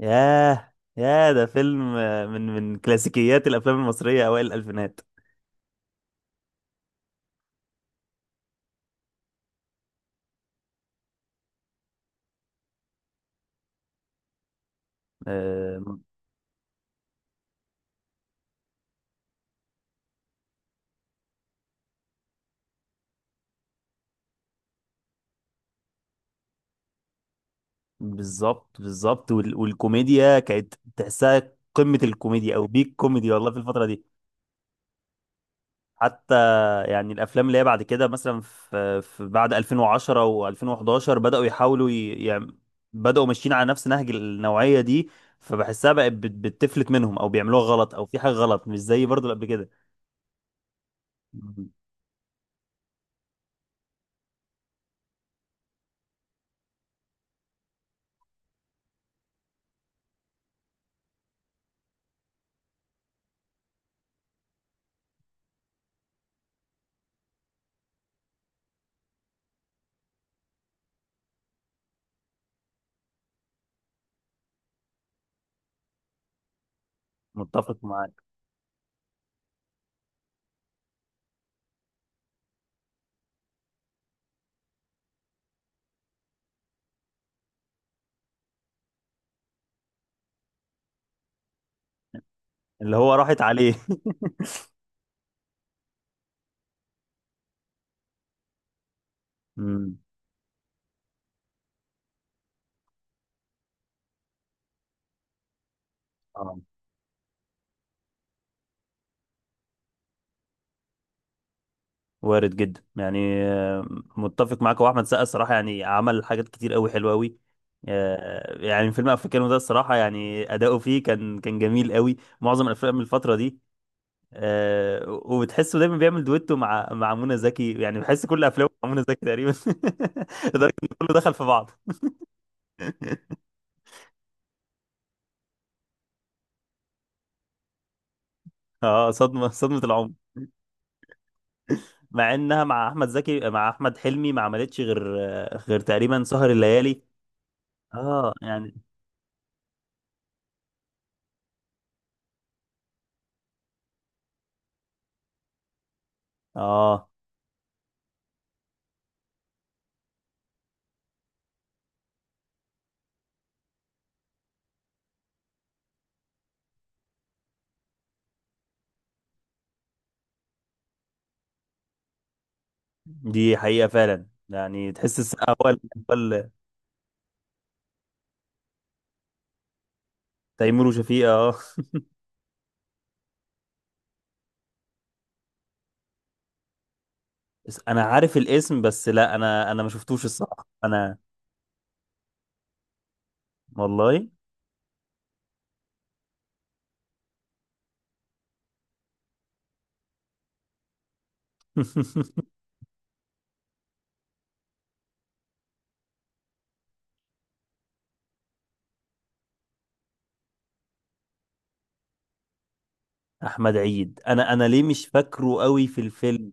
ياه ياه، ده فيلم من كلاسيكيات الافلام المصريه اوائل الالفينات. آه، بالظبط بالظبط. والكوميديا كانت تحسها قمه الكوميديا او بيك كوميدي والله في الفتره دي. حتى يعني الافلام اللي هي بعد كده، مثلا في بعد 2010 و2011، بداوا يحاولوا يعني بداوا ماشيين على نفس نهج النوعيه دي، فبحسها بقت بتفلت منهم او بيعملوها غلط او في حاجه غلط، مش زي برضو اللي قبل كده. مم. متفق معاك. اللي هو راحت عليه. امم. اه، وارد جدا يعني. متفق معاك. هو احمد سقا الصراحه يعني عمل حاجات كتير قوي حلوه قوي. يعني فيلم افريكانو ده الصراحه يعني اداؤه فيه كان كان جميل قوي، معظم الافلام من الفتره دي. وبتحسه دايما بيعمل دويتو مع منى زكي، يعني بحس كل افلامه مع منى زكي تقريبا. لدرجه ان كله دخل في بعض. اه، صدمه صدمه العمر. مع انها مع احمد زكي، مع احمد حلمي ما عملتش غير غير تقريبا سهر الليالي. اه يعني. اه دي حقيقة فعلا، يعني تحس السقا هو هو تيمور وشفيقة، اه. بس انا عارف الاسم بس، لا انا انا ما شفتوش الصراحة انا. والله. احمد عيد. انا انا ليه مش فاكره قوي في الفيلم.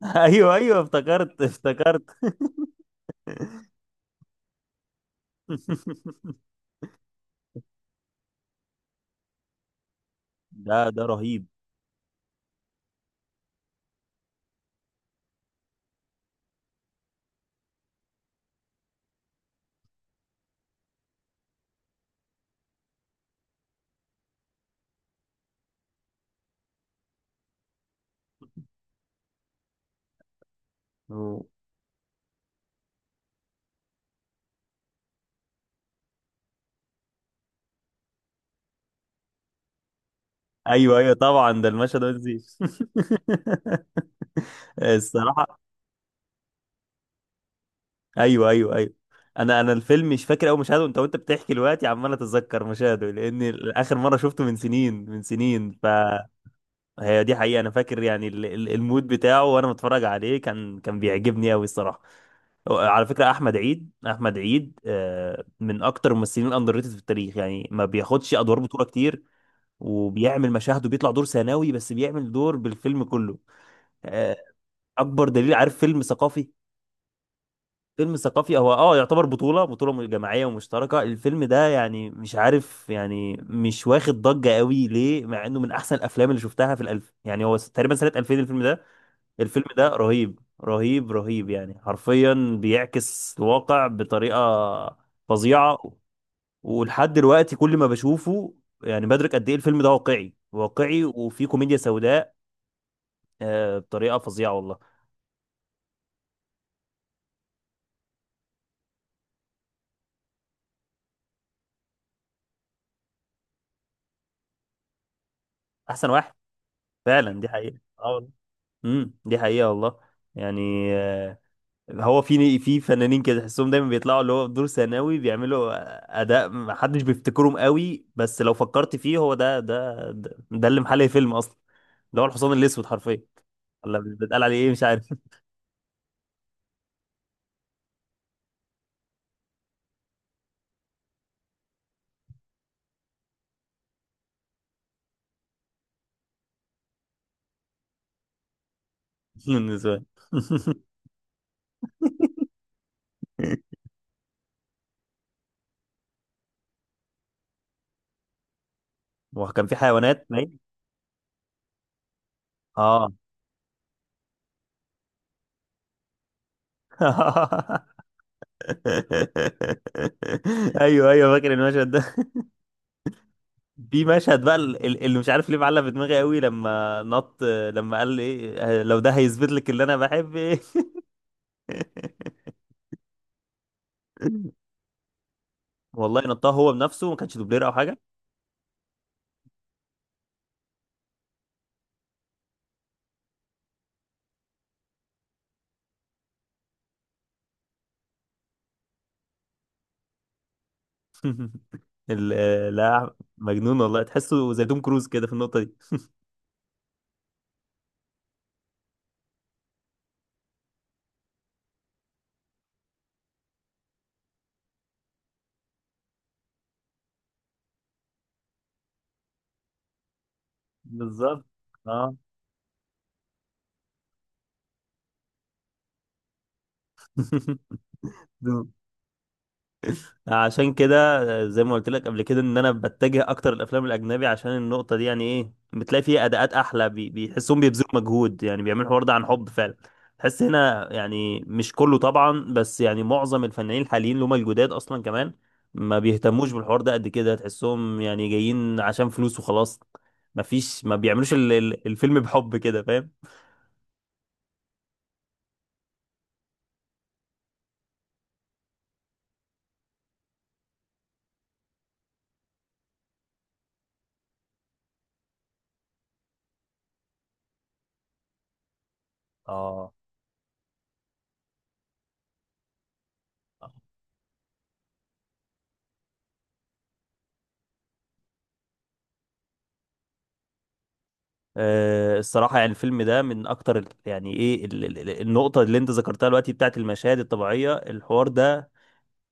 ايوه ايوه افتكرت افتكرت. ده ده رهيب. ايوه ايوه طبعا، ده المشهد ما تنسيش. الصراحة. ايوه ايوه ايوه. انا انا الفيلم مش فاكر اول مشاهده، انت وانت بتحكي دلوقتي عمال اتذكر مشاهده، لان اخر مره شفته من سنين من سنين، فهي دي حقيقه. انا فاكر يعني المود بتاعه وانا متفرج عليه كان كان بيعجبني قوي الصراحه. على فكره احمد عيد، احمد عيد من اكتر الممثلين الاندر ريتد في التاريخ، يعني ما بياخدش ادوار بطوله كتير وبيعمل مشاهده، بيطلع دور ثانوي بس بيعمل دور بالفيلم كله. آه، اكبر دليل، عارف فيلم ثقافي؟ فيلم ثقافي هو اه يعتبر بطولة بطولة جماعية ومشتركة، الفيلم ده يعني مش عارف يعني مش واخد ضجة قوي ليه، مع انه من احسن الافلام اللي شفتها في الالف، يعني هو تقريبا سنة 2000 الفيلم ده. الفيلم ده رهيب رهيب رهيب، يعني حرفيا بيعكس الواقع بطريقة فظيعة، ولحد دلوقتي كل ما بشوفه يعني بدرك قد ايه الفيلم ده واقعي واقعي، وفيه كوميديا سوداء بطريقة فظيعة والله. احسن واحد. فعلا دي حقيقة، اه. امم، دي حقيقة والله يعني. آه، هو في في فنانين كده تحسهم دايما بيطلعوا اللي هو في دور ثانوي، بيعملوا اداء ما حدش بيفتكرهم قوي، بس لو فكرت فيه هو ده ده ده اللي محل الفيلم اصلا، اللي هو الحصان الاسود حرفيا. ولا بيتقال عليه ايه مش عارف. بالنسبة لي. وكان في حيوانات باين. اه. ايوه ايوه فاكر المشهد. في مشهد بقى اللي مش عارف ليه معلق في دماغي قوي، لما نط، لما قال ايه، لو ده هيثبت لك اللي انا بحب ايه. والله نطها هو بنفسه، ما كانش دوبلير او حاجه. لا مجنون والله، تحسه زي توم كروز كده في النقطه دي. بالظبط. اه. عشان كده زي ما قلت لك قبل كده، ان انا بتجه اكتر للافلام الاجنبي عشان النقطه دي يعني ايه، بتلاقي فيها اداءات احلى بيحسهم بيبذلوا مجهود، يعني بيعملوا الحوار ده عن حب فعلا. تحس هنا يعني مش كله طبعا، بس يعني معظم الفنانين الحاليين اللي هم الجداد اصلا كمان ما بيهتموش بالحوار ده قد كده، تحسهم يعني جايين عشان فلوس وخلاص، ما فيش، ما بيعملوش الفيلم بحب كده، فاهم؟ اه. آه، الصراحة يعني الفيلم ده من أكتر يعني إيه النقطة اللي أنت ذكرتها دلوقتي بتاعت المشاهد الطبيعية، الحوار ده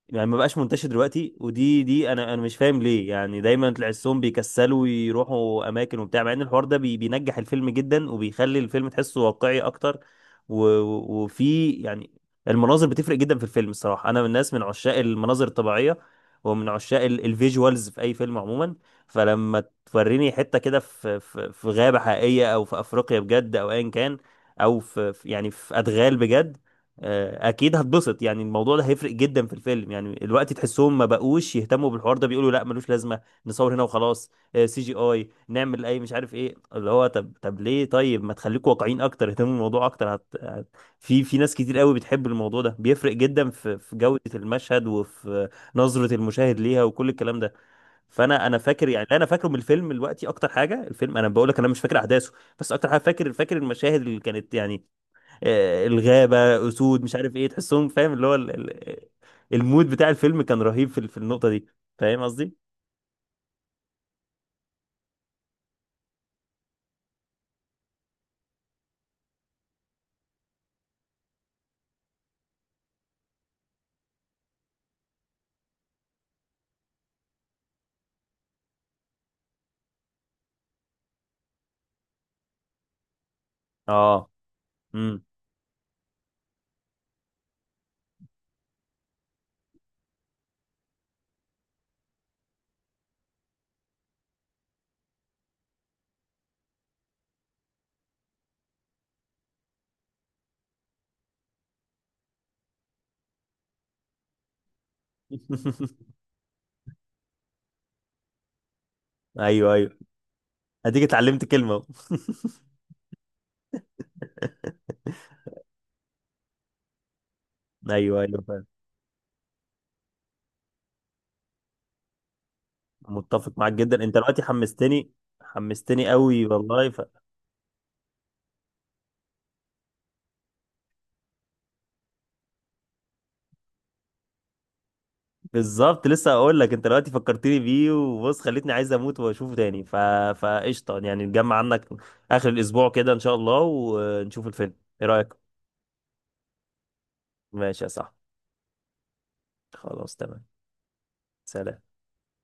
يعني ما بقاش منتشر دلوقتي، دي انا انا مش فاهم ليه، يعني دايما تحسهم بيكسلوا يروحوا اماكن وبتاع، مع ان الحوار ده بينجح الفيلم جدا وبيخلي الفيلم تحسه واقعي اكتر. وفي يعني، المناظر بتفرق جدا في الفيلم الصراحه، انا من الناس من عشاق المناظر الطبيعيه ومن عشاق الفيجوالز في اي فيلم عموما. فلما توريني حته كده في في غابه حقيقيه او في افريقيا بجد او ايا كان، او في يعني في ادغال بجد، اكيد هتبسط، يعني الموضوع ده هيفرق جدا في الفيلم. يعني الوقت تحسهم ما بقوش يهتموا بالحوار ده، بيقولوا لا ملوش لازمه، نصور هنا وخلاص، سي جي اي، نعمل اي مش عارف ايه، اللي هو طب طب ليه، طيب ما تخليكوا واقعيين اكتر، اهتموا بالموضوع اكتر. هت... هت... في في ناس كتير قوي بتحب الموضوع ده، بيفرق جدا في في جوده المشهد وفي نظره المشاهد ليها وكل الكلام ده. فانا انا فاكر يعني، اللي انا فاكره من الفيلم دلوقتي اكتر حاجه، الفيلم انا بقول لك انا مش فاكر احداثه، بس اكتر حاجه فاكر، فاكر المشاهد اللي كانت يعني الغابة، أسود، مش عارف إيه، تحسهم فاهم، اللي هو المود بتاع الفيلم كان رهيب في في النقطة دي. فاهم قصدي؟ آه. امم. أيوه أيوه، أديك اتعلمت كلمة أهو. أيوه أيوه فاهم. متفق معاك جدا. أنت دلوقتي حمستني، حمستني قوي والله. ف... بالظبط، لسه هقول لك، انت دلوقتي فكرتني بيه وبص، خليتني عايز اموت واشوفه تاني. ف فقشطه يعني، نجمع عنك اخر الاسبوع كده ان شاء الله ونشوف الفيلم. ايه رايك؟ ماشي يا صاحبي. خلاص تمام. سلام.